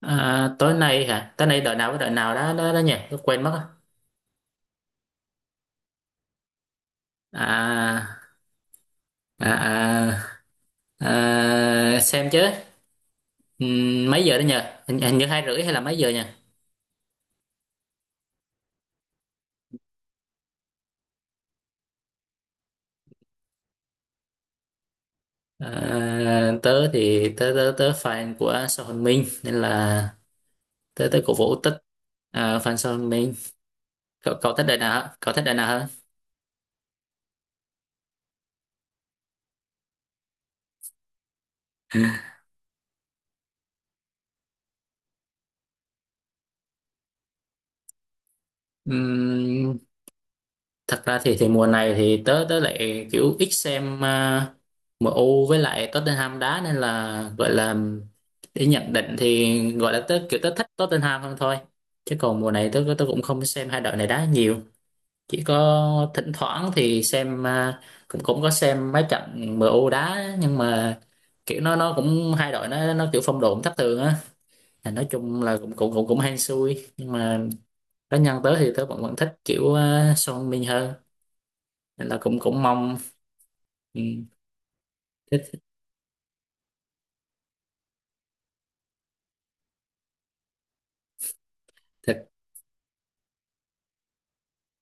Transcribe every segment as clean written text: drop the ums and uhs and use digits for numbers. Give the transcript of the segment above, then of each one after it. À, tối nay hả? Tối nay đợi nào với đợi nào đó đó, đó nhỉ? Tôi quên mất á. À, à, à, à, xem chứ. Mấy giờ đó nhỉ? Hình như hai rưỡi hay là mấy giờ nhỉ? À, tớ thì tớ tớ tớ fan của Sao Hồn Minh nên là tớ tớ cổ vũ Tích, à, fan Sao Hồn Minh. Cậu cậu thích đợi nào? Cậu thích đợi nào hơn? Thật ra thì mùa này thì tớ tớ lại kiểu ít xem, U với lại Tottenham đá nên là gọi là để nhận định thì gọi là tớ kiểu tớ thích Tottenham hơn thôi, chứ còn mùa này tớ tớ cũng không xem hai đội này đá nhiều, chỉ có thỉnh thoảng thì xem, cũng cũng có xem mấy trận em U đá nhưng mà kiểu nó cũng hai đội nó kiểu phong độ cũng thất thường á. Thì nói chung là cũng cũng cũng cũng hên xui, nhưng mà cá nhân tớ thì tớ vẫn vẫn thích kiểu, à, Son Min hơn, nên là cũng cũng mong. Ừ, thích thật.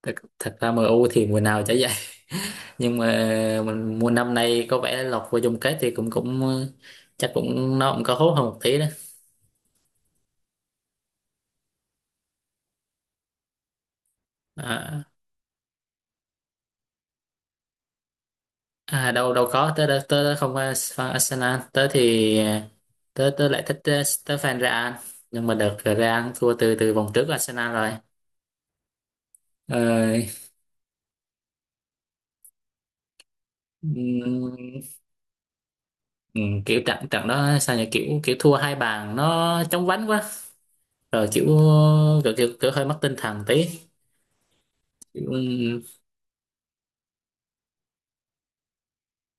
Thật ra MU thì mùa nào chả vậy, nhưng mà mình mùa năm nay có vẻ lọt vô chung kết thì cũng cũng ờ, chắc cũng nó cũng có hốt hơn một tí đó. À, à, đâu đâu có, tớ tớ, tớ không phải fan Arsenal, tớ thì ờ, tớ tớ lại thích, ờ, tớ fan Real, nhưng mà đợt Real thua từ từ vòng trước Arsenal rồi. Ờ, ừm, kiểu trận trận đó sao nhỉ, kiểu kiểu thua hai bàn nó chóng vánh quá rồi, kiểu kiểu hơi mất tinh thần tí. kiểu,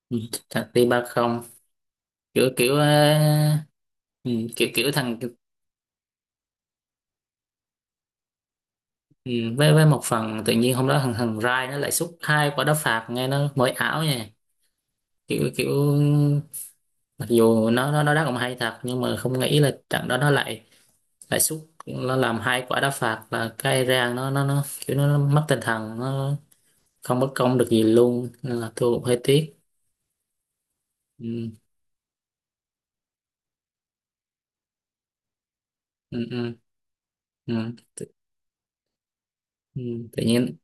ừm, thằng đi ba không, kiểu kiểu ờ, kiểu kiểu thằng, với một phần tự nhiên hôm đó thằng thằng Rai nó lại sút hai quả đá phạt nghe nó mới ảo nha, kiểu kiểu mặc dù nó đá cũng hay thật nhưng mà không nghĩ là trận đó nó lại lại sút nó làm hai quả đá phạt, là cái rang nó kiểu nó mất tinh thần, nó không bất công được gì luôn, nên là thua cũng hơi tiếc. Ừ, ừ, ừ, ừ. Ừ, tự nhiên.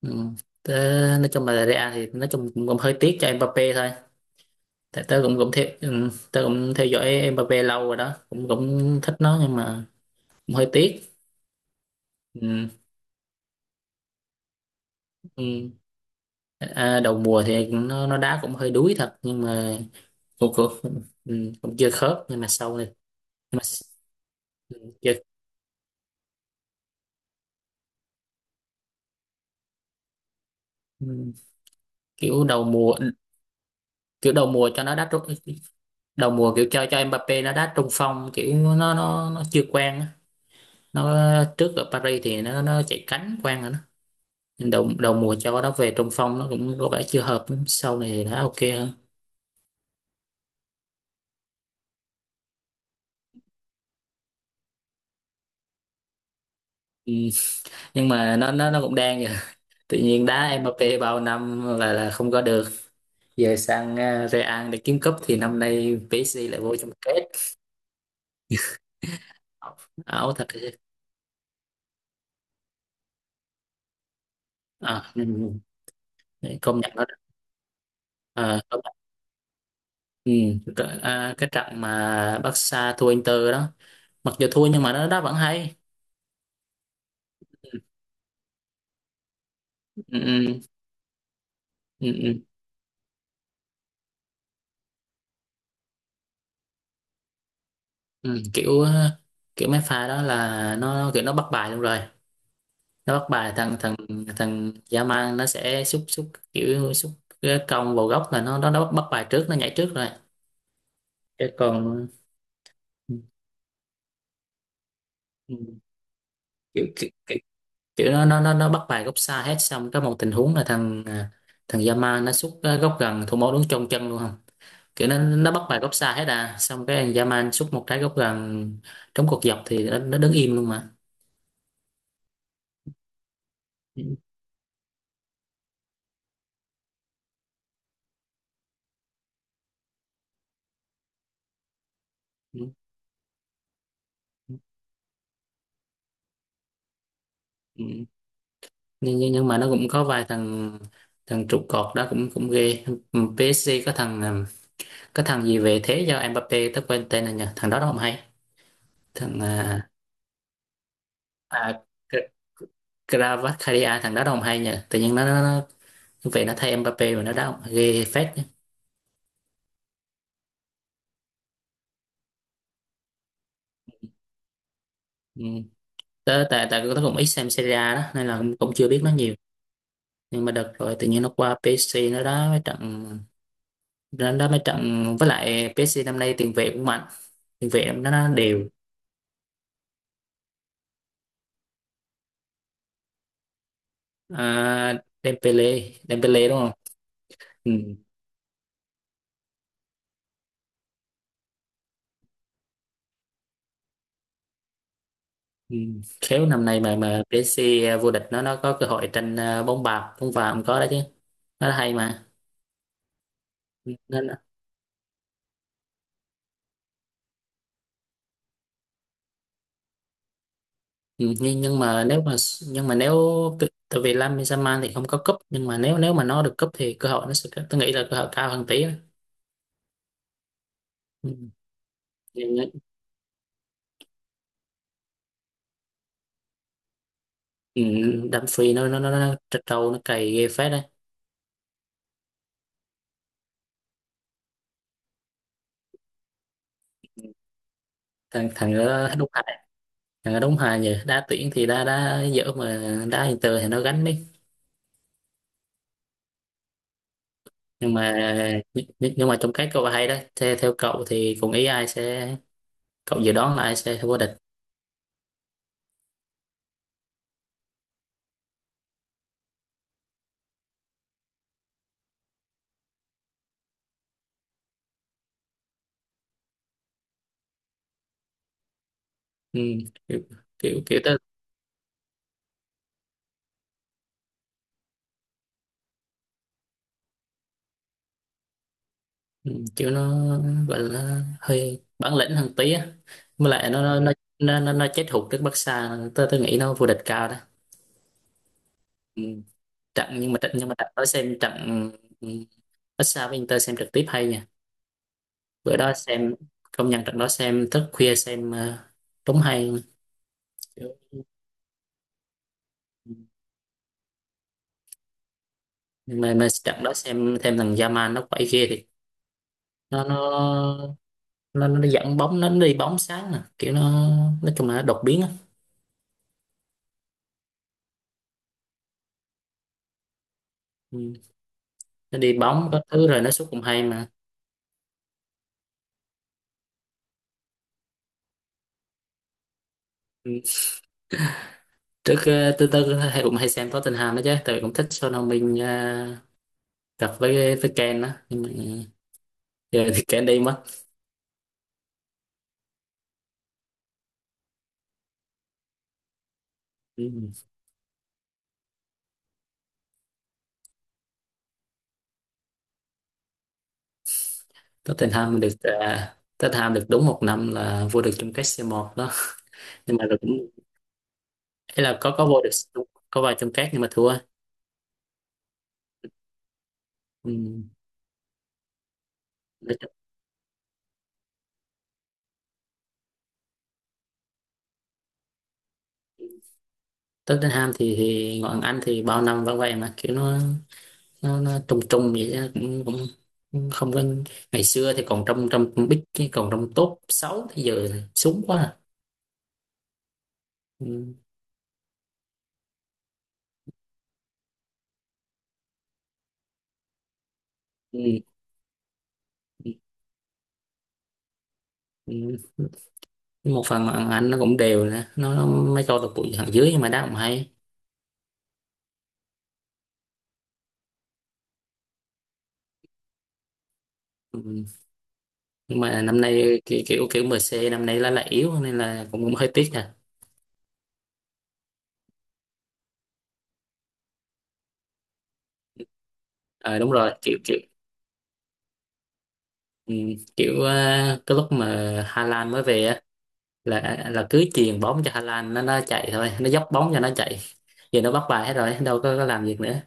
Ừ. Tớ, nói chung là Real thì nói chung cũng hơi tiếc cho Mbappé thôi, tại tớ cũng cũng theo, ừ, tớ cũng theo dõi Mbappé lâu rồi đó, cũng cũng thích nó nhưng mà cũng hơi tiếc. Ừ. Ừ. À, đầu mùa thì nó đá cũng hơi đuối thật, nhưng mà cũng cũng, ừ, cũng chưa khớp, nhưng mà sau này, nhưng mà ừ, chưa, ừ, kiểu đầu mùa, kiểu đầu mùa cho nó đá trung, đầu mùa kiểu cho Mbappé nó đá trung phong, kiểu nó chưa quen á, nó trước ở Paris thì nó chạy cánh quang rồi đó, nhưng đầu đầu mùa cho nó về trung phong nó cũng có vẻ chưa hợp lắm. Sau này thì nó ok hơn. Ừ. Nhưng mà nó cũng đang vậy, tự nhiên đá Mbappé bao năm là không có được, giờ sang ờ, Real để kiếm cúp thì năm nay PSG lại vô chung kết. Ảo thật chứ. À, ừ. Ừ. Để công nhận nó, à, công nhận. Ừ. Rồi, à, cái trận mà Barca thua Inter đó, mặc dù thua nhưng mà nó đá vẫn hay. Ừ, ừ, ừ, ừ. Ừ. Ừ, kiểu mấy pha đó là nó kiểu nó bắt bài luôn rồi, nó bắt bài thằng thằng thằng dã, nó sẽ xúc xúc kiểu xúc cái cong vào góc là nó bắt bắt bài trước, nó nhảy trước rồi cái còn, ừ, ừ, kiểu kiểu, kiểu kiểu nó bắt bài góc xa hết xong có một tình huống là thằng, à, thằng dã nó xúc ờ, góc gần thủ môn đứng trong chân luôn không, kiểu nó bắt bài góc xa hết à xong cái thằng dã xúc một trái góc gần, trúng cột dọc thì nó đứng im luôn mà. Ừ, ừ, ừ. Ừ. nhưng mà nó cũng có vài thằng, trụ cột đó cũng cũng ghê. Ừ, PSG có thằng, có thằng gì về thế do Mbappe tớ quên tên rồi nhỉ, thằng đó đâu không hay. Thằng à, à, Kr-, Kvaratskhelia, thằng đó đâu không hay nhỉ, tự nhiên nó về nó thay Mbappe mà nó đá không ghê phết nhỉ. Ừ. Tớ tại tại tớ cũng ít xem Serie A đó nên là cũng chưa biết nó nhiều, nhưng mà đợt rồi tự nhiên nó qua PSG nó đá mấy trận, nó đá mấy trận với lại PSG năm nay tiền vệ cũng mạnh, tiền vệ nó đều. À, Dembele Dembele đúng không. Ừ. Ừ. Khéo năm nay mà PSG vô địch nó có cơ hội tranh, à, bóng bạc bóng vàng có đó chứ, nó hay mà. Ừ, nên ừ, nhưng mà nếu mà, nhưng mà nếu, tự-, tại vì Lam Yamal thì không có cúp, nhưng mà nếu nếu mà nó được cúp thì cơ hội nó sẽ, tôi nghĩ là cơ hội cao hơn tí đó. Ừ. Nhưng- nó-, ừ, Dumfries nó trật trâu nó cày ghê phết đấy. Thằng thằng đó đúng hài, thằng đó đúng hài nhờ, đá tuyển thì đá đá dở mà đá Inter thì nó gánh. Nhưng mà nhưng mà trong các câu hay đó, theo cậu thì cùng ý ai sẽ, cậu dự đoán là ai sẽ vô địch. Ừ, kiểu kiểu kiểu, tới, ừ, kiểu nó gọi là hơi bản lĩnh hơn tí á, với lại nó nó chết hụt trước Barca, tôi nghĩ nó vô địch cao đó. Ừ. trận nhưng mà trận nhưng mà trận đó xem trận, ừ, Barca với Inter xem trực tiếp hay nha, bữa đó xem, công nhận trận đó xem thức khuya xem, ờ, đúng hay. Kiểu-, mà trận đó xem thêm thằng Yaman nó quậy ghê thì nó nó nó đi dẫn bóng, nó đi bóng sáng nè kiểu nó, nói chung là nó đột biến á. Ừ. Nó đi bóng có thứ rồi nó sút cũng hay mà. Ừ. Trước ờ, tư tư hay cũng hay xem Tottenham đó chứ, tại vì cũng thích Son Heung-min, ờ, cặp với Kane đó nhưng mà giờ thì Kane đi mất. Ừ. Tottenham được, ờ, Tottenham được đúng một năm là vô địch chung kết c một đó, nhưng mà rồi cũng, ấy là có vô địch, có vào chung kết nhưng mà thua. Ừ. Nói chung Tottenham thì ngoại hạng Anh thì bao năm vẫn vậy mà, kiểu nó trung trung vậy đó, cũng cũng cũng không có, ngày xưa thì còn trong trong bít cái còn trong top 6 thì giờ thì xuống quá à. Ừ. Ừ. Ừ. Ừ. Một phần là anh nó cũng đều nè nó mới cho được bụi thằng dưới nhưng mà đá cũng hay. Ừ. Nhưng mà năm nay ki- kiểu kiểu MC năm nay là yếu nên là cũng hơi tiếc nè, à, ờ, đúng rồi kiểu kiểu ừ. Kiểu ờ, cái lúc mà Hà Lan mới về á là cứ chuyền bóng cho Hà Lan nó chạy thôi, nó dốc bóng cho nó chạy, giờ nó bắt bài hết rồi đâu có làm việc nữa.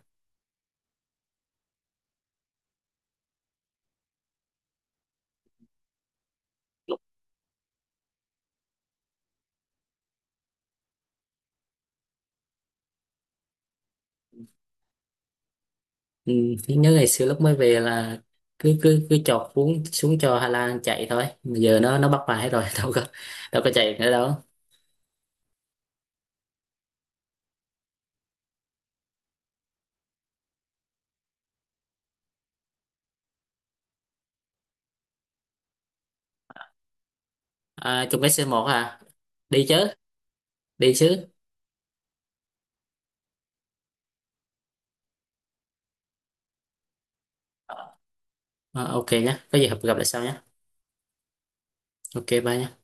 Ừ, nhớ ngày xưa lúc mới về là cứ cứ cứ chọt xuống xuống cho Hà Lan chạy thôi. Mà giờ nó bắt bài hết rồi đâu có, đâu có chạy nữa đâu. À, chung cái c một à, đi chứ, đi chứ. Ờ, ok nhé, có gì gặp gặp lại sau nhé. Ok bye nhé.